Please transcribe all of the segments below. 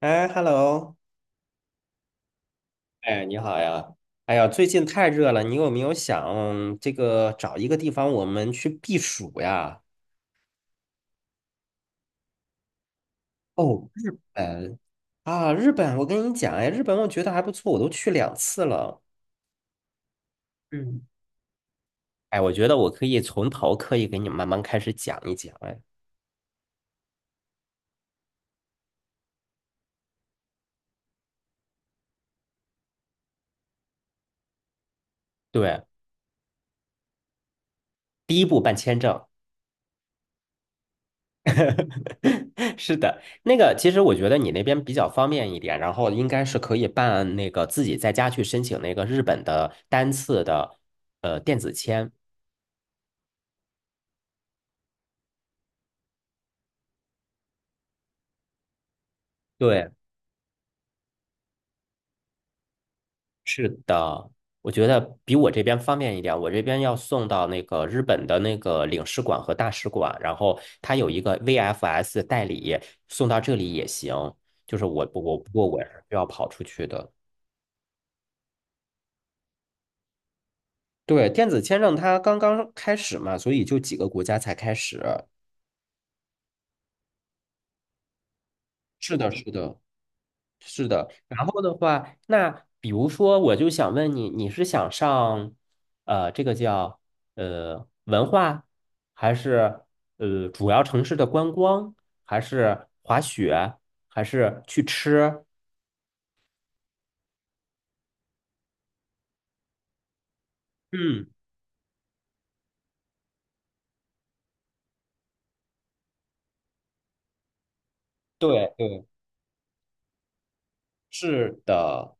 哎，hello，哎，你好呀！哎呀，最近太热了，你有没有想这个找一个地方我们去避暑呀？哦，日本啊，日本，我跟你讲，哎，日本我觉得还不错，我都去2次了。嗯，哎，我觉得我可以从头可以给你慢慢开始讲一讲。哎，对，第一步办签证，是的，那个其实我觉得你那边比较方便一点，然后应该是可以办那个自己在家去申请那个日本的单次的电子签。对，是的，我觉得比我这边方便一点。我这边要送到那个日本的那个领事馆和大使馆，然后他有一个 VFS 代理，送到这里也行。就是我不过我是要跑出去的。对，电子签证它刚刚开始嘛，所以就几个国家才开始。是的，是的，是的。然后的话，那比如说，我就想问你，你是想上这个叫文化，还是主要城市的观光，还是滑雪，还是去吃？嗯，对对，是的。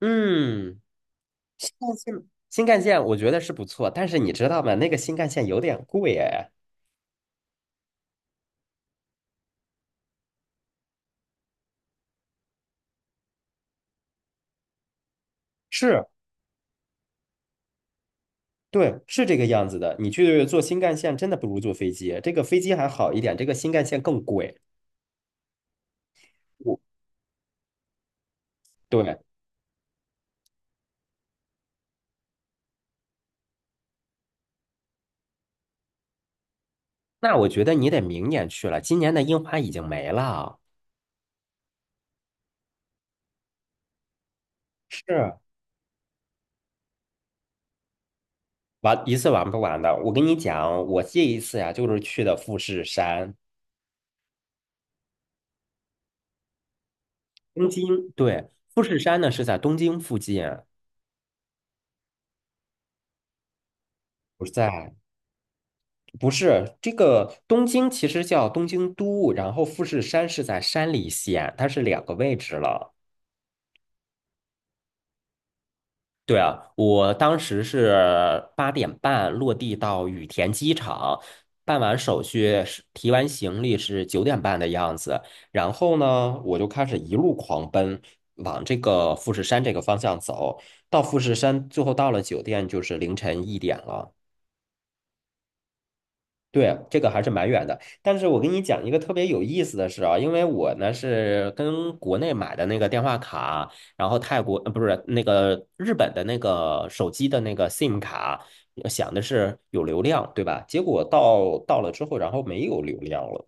嗯，新干线，新干线我觉得是不错，但是你知道吗？那个新干线有点贵哎。是。对，是这个样子的。你去坐新干线，真的不如坐飞机。这个飞机还好一点，这个新干线更贵。我对，那我觉得你得明年去了，今年的樱花已经没了。是玩一次玩不完的。我跟你讲，我这一次呀、就是去的富士山，东京。对，富士山呢是在东京附近，不是在，不是这个东京其实叫东京都，然后富士山是在山梨县，它是两个位置了。对啊，我当时是8点半落地到羽田机场，办完手续是提完行李是9点半的样子，然后呢，我就开始一路狂奔往这个富士山这个方向走，到富士山最后到了酒店就是凌晨1点了。对，这个还是蛮远的，但是我跟你讲一个特别有意思的事啊，因为我呢是跟国内买的那个电话卡，然后泰国，不是那个日本的那个手机的那个 SIM 卡，想的是有流量，对吧？结果到了之后，然后没有流量了。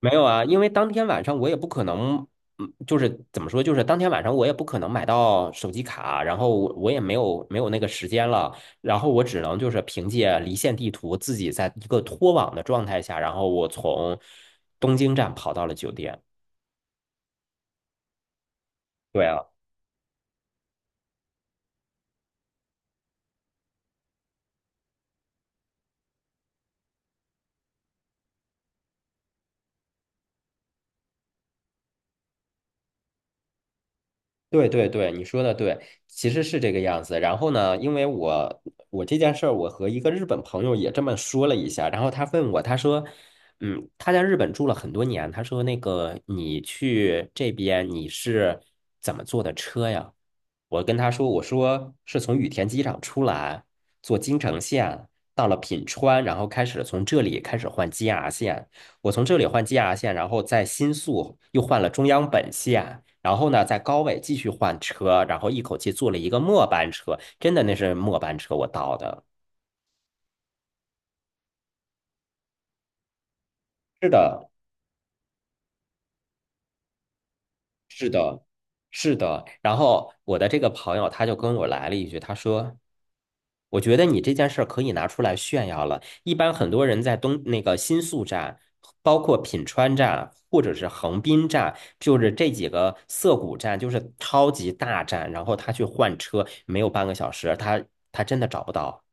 没有啊，因为当天晚上我也不可能，就是怎么说，就是当天晚上我也不可能买到手机卡，然后我也没有那个时间了，然后我只能就是凭借离线地图自己在一个脱网的状态下，然后我从东京站跑到了酒店。对啊。对对对，你说的对，其实是这个样子。然后呢，因为我这件事儿，我和一个日本朋友也这么说了一下，然后他问我，他说，他在日本住了很多年，他说那个你去这边你是怎么坐的车呀？我跟他说，我说是从羽田机场出来，坐京成线到了品川，然后开始从这里开始换 JR 线。我从这里换 JR 线，然后在新宿又换了中央本线，然后呢在高尾继续换车，然后一口气坐了一个末班车，真的那是末班车我到的。是的，呃，是的。然后我的这个朋友他就跟我来了一句，他说。我觉得你这件事儿可以拿出来炫耀了。一般很多人在那个新宿站，包括品川站或者是横滨站，就是这几个涩谷站，就是超级大站，然后他去换车没有半个小时，他真的找不到。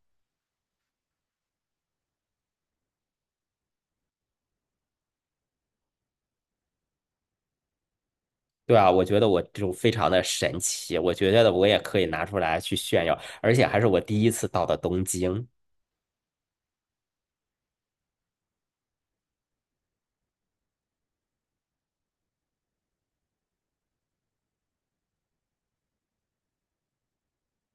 对啊，我觉得我就非常的神奇，我觉得我也可以拿出来去炫耀，而且还是我第一次到的东京。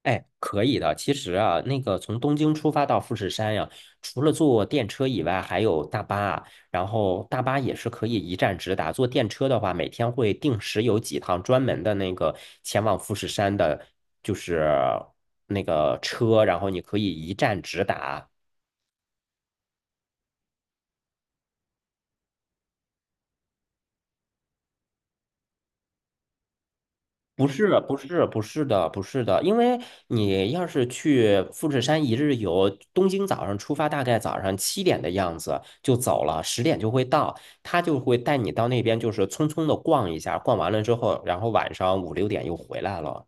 哎，可以的。其实啊，那个从东京出发到富士山呀、除了坐电车以外，还有大巴啊。然后大巴也是可以一站直达。坐电车的话，每天会定时有几趟专门的那个前往富士山的，就是那个车，然后你可以一站直达。不是不是不是的，不是的，因为你要是去富士山一日游，东京早上出发，大概早上7点的样子就走了，10点就会到，他就会带你到那边，就是匆匆的逛一下，逛完了之后，然后晚上5、6点又回来了。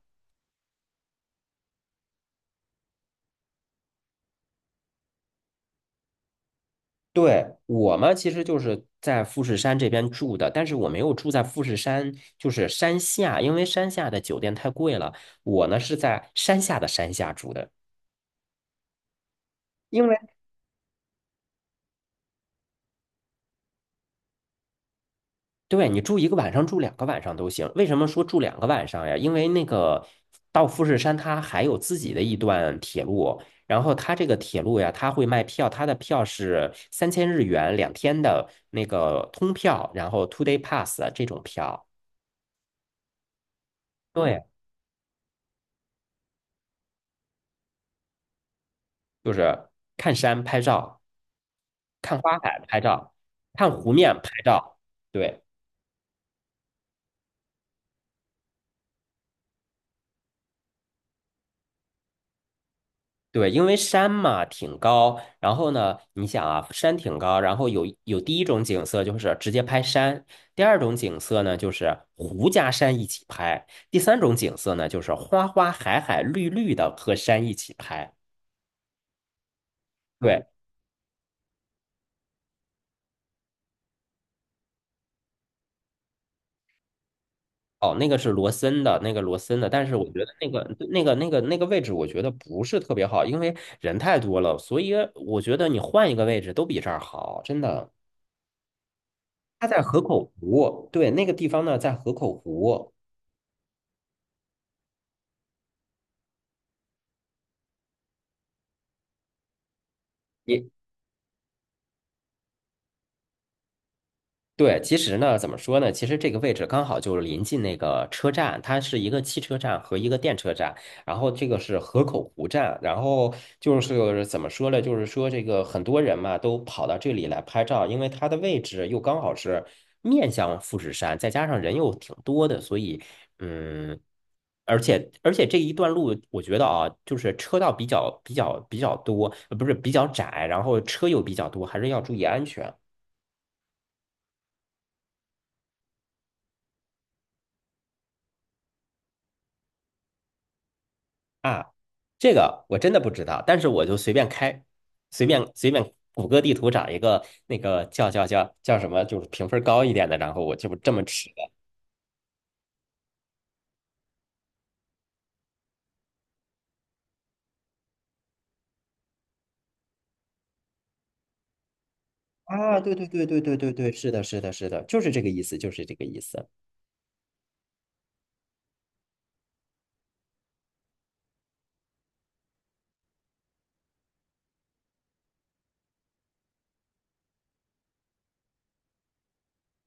对，我们其实就是在富士山这边住的，但是我没有住在富士山，就是山下，因为山下的酒店太贵了，我呢是在山下的山下住的。因为。对，你住一个晚上，住两个晚上都行。为什么说住两个晚上呀？因为那个到富士山，它还有自己的一段铁路，然后它这个铁路呀，它会卖票，它的票是3000日元2天的那个通票，然后 two day pass 这种票。对，就是看山拍照，看花海拍照，看湖面拍照。对。对，因为山嘛挺高，然后呢，你想啊，山挺高，然后有第一种景色就是直接拍山，第二种景色呢就是湖加山一起拍，第三种景色呢就是花花海海绿绿的和山一起拍。对，哦，那个是罗森的，那个罗森的，但是我觉得那个位置我觉得不是特别好，因为人太多了，所以我觉得你换一个位置都比这儿好，真的。它在河口湖，对，那个地方呢在河口湖。你对，其实呢，怎么说呢？其实这个位置刚好就是临近那个车站，它是一个汽车站和一个电车站，然后这个是河口湖站，然后就是怎么说呢？就是说这个很多人嘛都跑到这里来拍照，因为它的位置又刚好是面向富士山，再加上人又挺多的，所以嗯，而且这一段路，我觉得啊，就是车道比较多，不是比较窄，然后车又比较多，还是要注意安全。啊，这个我真的不知道，但是我就随便开，随便谷歌地图找一个那个叫什么，就是评分高一点的，然后我就这么吃的。啊，对对对对对对对，是的，是的，是的，就是这个意思，就是这个意思。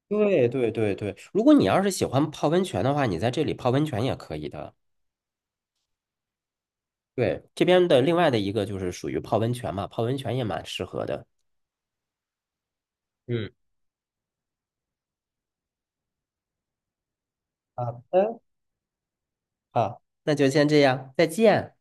对对对对，如果你要是喜欢泡温泉的话，你在这里泡温泉也可以的。对，这边的另外的一个就是属于泡温泉嘛，泡温泉也蛮适合的。嗯，好的，好，那就先这样，再见。